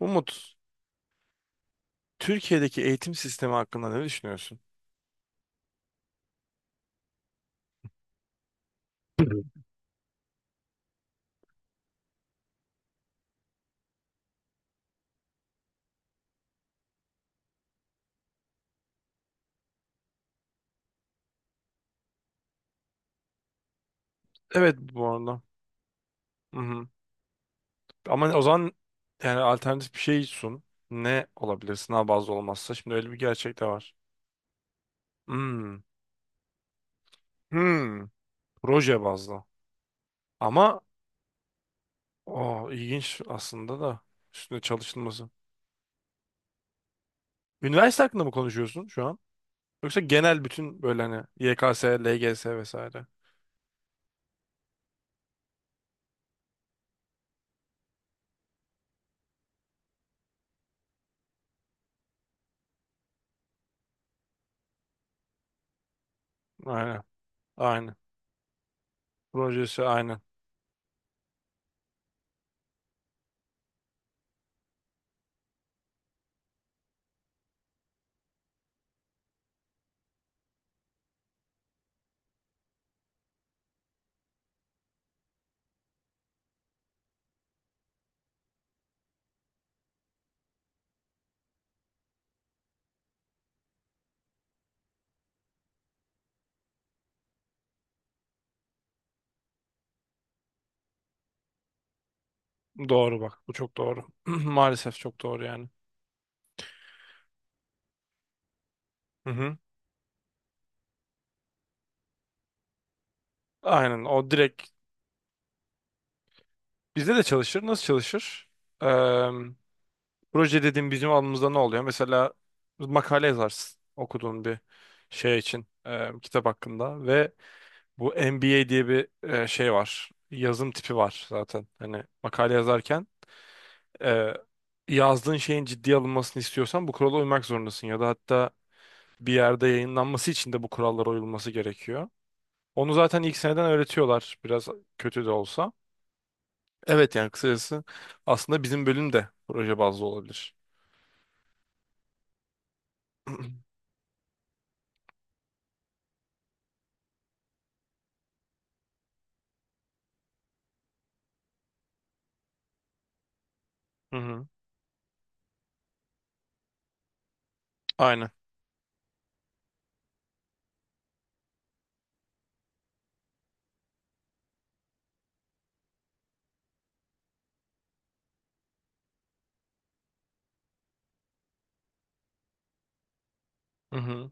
Umut, Türkiye'deki eğitim sistemi hakkında ne düşünüyorsun? Evet, bu arada. Hı hı. Ama o zaman yani alternatif bir şey sun. Ne olabilir sınav bazlı olmazsa? Şimdi öyle bir gerçek de var. Hmm. Hmm. Proje bazlı. Ama o ilginç aslında da üstüne çalışılması. Üniversite hakkında mı konuşuyorsun şu an? Yoksa genel bütün böyle hani YKS, LGS vesaire. Aynen. Aynen. Projesi aynen. Doğru bak. Bu çok doğru. Maalesef çok doğru yani. Hı hı. Aynen. O direkt bizde de çalışır. Nasıl çalışır? Proje dediğim bizim alımızda ne oluyor? Mesela makale yazarsın okuduğun bir şey için kitap hakkında ve bu MBA diye bir şey var. Yazım tipi var zaten. Hani makale yazarken e, yazdığın şeyin ciddiye alınmasını istiyorsan bu kurala uymak zorundasın ya da hatta bir yerde yayınlanması için de bu kurallara uyulması gerekiyor. Onu zaten ilk seneden öğretiyorlar, biraz kötü de olsa. Evet, yani kısacası aslında bizim bölüm de proje bazlı olabilir. Hı hı. Aynen. Hı hı.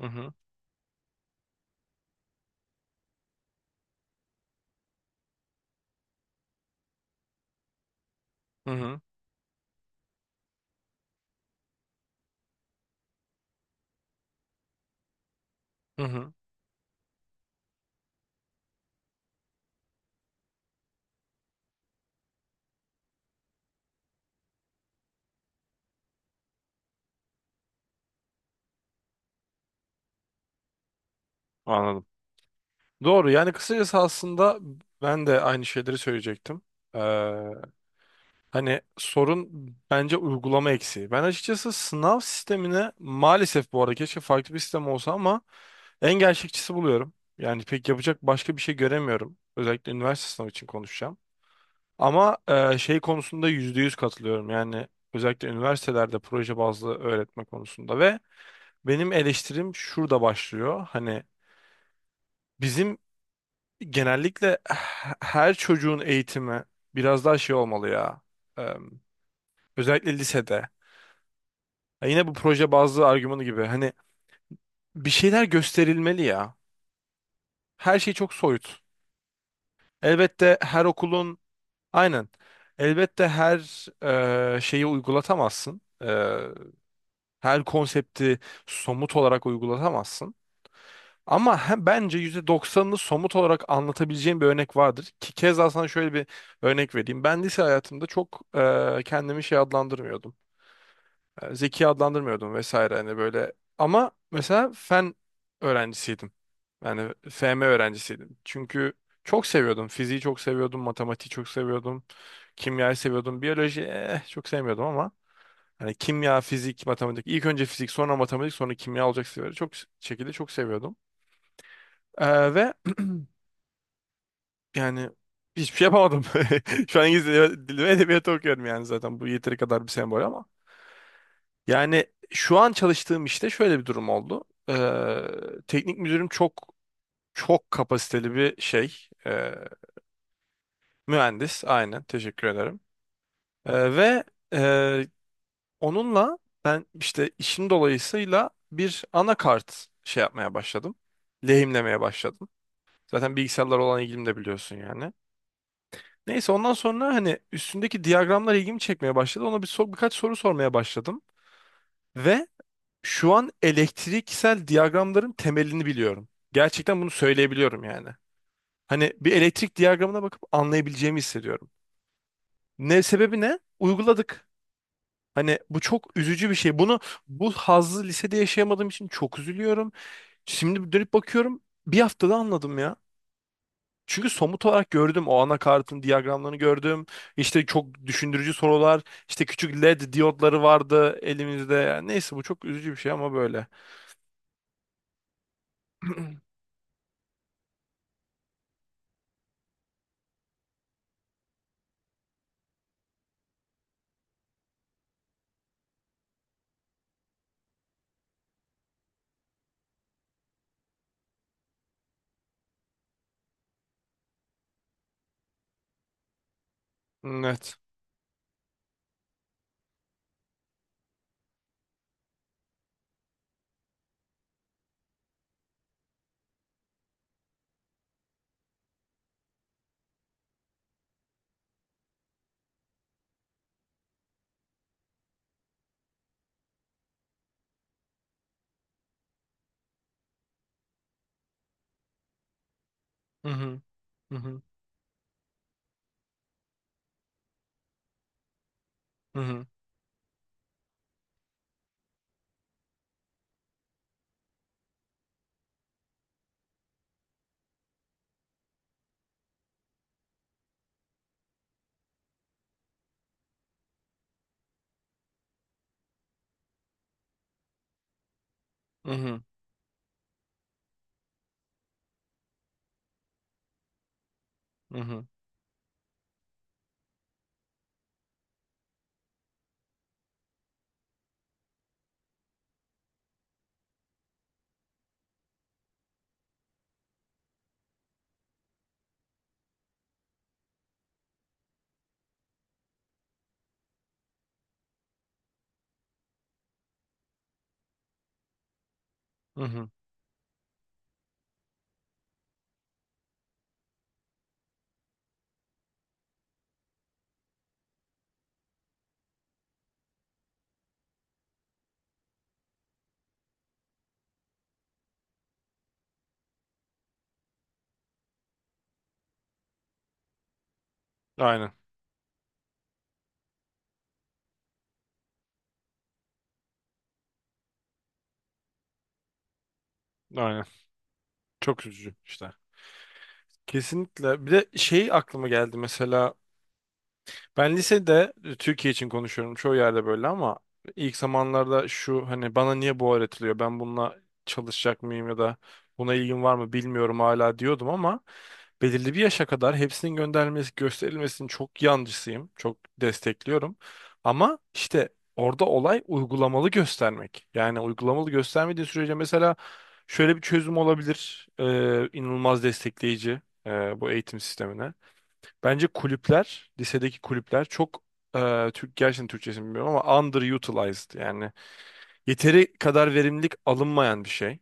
Hı hı, hı hı, hı hı. Anladım. Doğru yani kısacası aslında ben de aynı şeyleri söyleyecektim. Ee, Hani sorun bence uygulama eksiği. Ben açıkçası sınav sistemine maalesef, bu arada keşke farklı bir sistem olsa ama en gerçekçisi buluyorum. Yani pek yapacak başka bir şey göremiyorum. Özellikle üniversite sınavı için konuşacağım. Ama şey konusunda %100 katılıyorum. Yani özellikle üniversitelerde proje bazlı öğretme konusunda ve benim eleştirim şurada başlıyor. Hani bizim genellikle her çocuğun eğitimi biraz daha şey olmalı ya. Eee, Özellikle lisede. Ya yine bu proje bazlı argümanı gibi. Hani bir şeyler gösterilmeli ya. Her şey çok soyut. Elbette her okulun aynen. Elbette her şeyi uygulatamazsın. Her konsepti somut olarak uygulatamazsın. Ama bence yüzde doksanını somut olarak anlatabileceğim bir örnek vardır. Ki keza sana şöyle bir örnek vereyim. Ben lise hayatımda çok kendimi şey adlandırmıyordum. Zeki adlandırmıyordum vesaire hani böyle. Ama mesela fen öğrencisiydim. Yani FM öğrencisiydim. Çünkü çok seviyordum. Fiziği çok seviyordum, matematiği çok seviyordum, kimyayı seviyordum, biyoloji çok sevmiyordum ama hani kimya, fizik, matematik, ilk önce fizik, sonra matematik, sonra kimya olacak seviyorum. Çok şekilde çok seviyordum. Ve yani hiçbir şey yapamadım. Şu an İngiliz dili ve edebiyatı okuyorum yani zaten bu yeteri kadar bir sembol ama. Yani şu an çalıştığım işte şöyle bir durum oldu. Teknik müdürüm çok kapasiteli bir şey. Ee, Mühendis, aynen, teşekkür ederim. Ee, ve e, Onunla ben işte işim dolayısıyla bir anakart şey yapmaya başladım. Lehimlemeye başladım. Zaten bilgisayarlar olan ilgim de biliyorsun yani. Neyse ondan sonra hani üstündeki diyagramlar ilgimi çekmeye başladı. Ona bir birkaç soru sormaya başladım. Ve şu an elektriksel diyagramların temelini biliyorum. Gerçekten bunu söyleyebiliyorum yani. Hani bir elektrik diyagramına bakıp anlayabileceğimi hissediyorum. Ne sebebi ne? Uyguladık. Hani bu çok üzücü bir şey. Bunu, bu hazzı lisede yaşayamadığım için çok üzülüyorum. Şimdi dönüp bakıyorum. Bir haftada anladım ya. Çünkü somut olarak gördüm, o anakartın diyagramlarını gördüm. İşte çok düşündürücü sorular, işte küçük LED diyotları vardı elimizde. Yani neyse bu çok üzücü bir şey ama böyle. Evet. Hı hı, hı hı, hı hı, hı hı, hı hı, hı hı. Aynen, aynen. Çok üzücü işte. Kesinlikle. Bir de şey aklıma geldi. Mesela ben lisede, Türkiye için konuşuyorum çoğu yerde böyle ama, ilk zamanlarda şu hani bana niye bu öğretiliyor, ben bununla çalışacak mıyım ya da buna ilgim var mı bilmiyorum hala diyordum ama belirli bir yaşa kadar hepsinin gönderilmesi gösterilmesinin çok yancısıyım, çok destekliyorum ama işte orada olay uygulamalı göstermek, yani uygulamalı göstermediği sürece mesela şöyle bir çözüm olabilir. İnanılmaz destekleyici bu eğitim sistemine. Bence kulüpler, lisedeki kulüpler çok Türk, gerçekten Türkçesini bilmiyorum ama underutilized, yani yeteri kadar verimlilik alınmayan bir şey.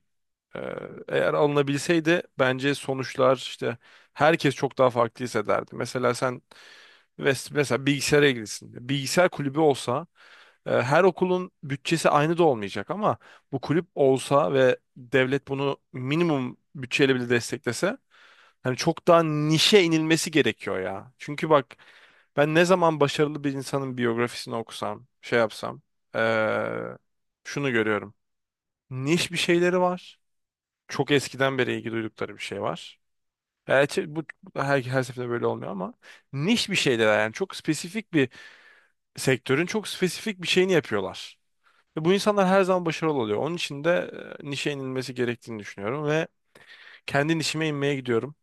Ee, Eğer alınabilseydi bence sonuçlar, işte herkes çok daha farklı hissederdi. Mesela sen mesela bilgisayara ilgilisin. Bilgisayar kulübü olsa, her okulun bütçesi aynı da olmayacak ama bu kulüp olsa ve devlet bunu minimum bütçeyle bile desteklese, hani çok daha nişe inilmesi gerekiyor ya. Çünkü bak, ben ne zaman başarılı bir insanın biyografisini okusam, şey yapsam, e, şunu görüyorum. Niş bir şeyleri var, çok eskiden beri ilgi duydukları bir şey var. Gerçi bu her seferinde böyle olmuyor ama niş bir şeyler, yani çok spesifik bir sektörün çok spesifik bir şeyini yapıyorlar. Ve bu insanlar her zaman başarılı oluyor. Onun için de nişe inilmesi gerektiğini düşünüyorum ve kendi nişime inmeye gidiyorum.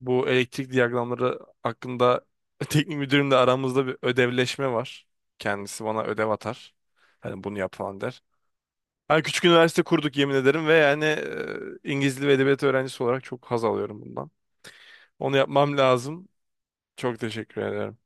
Bu elektrik diyagramları hakkında teknik müdürümle aramızda bir ödevleşme var. Kendisi bana ödev atar. Hani bunu yap falan der. Yani küçük üniversite kurduk, yemin ederim, ve yani İngiliz Dili ve Edebiyatı öğrencisi olarak çok haz alıyorum bundan. Onu yapmam lazım. Çok teşekkür ederim.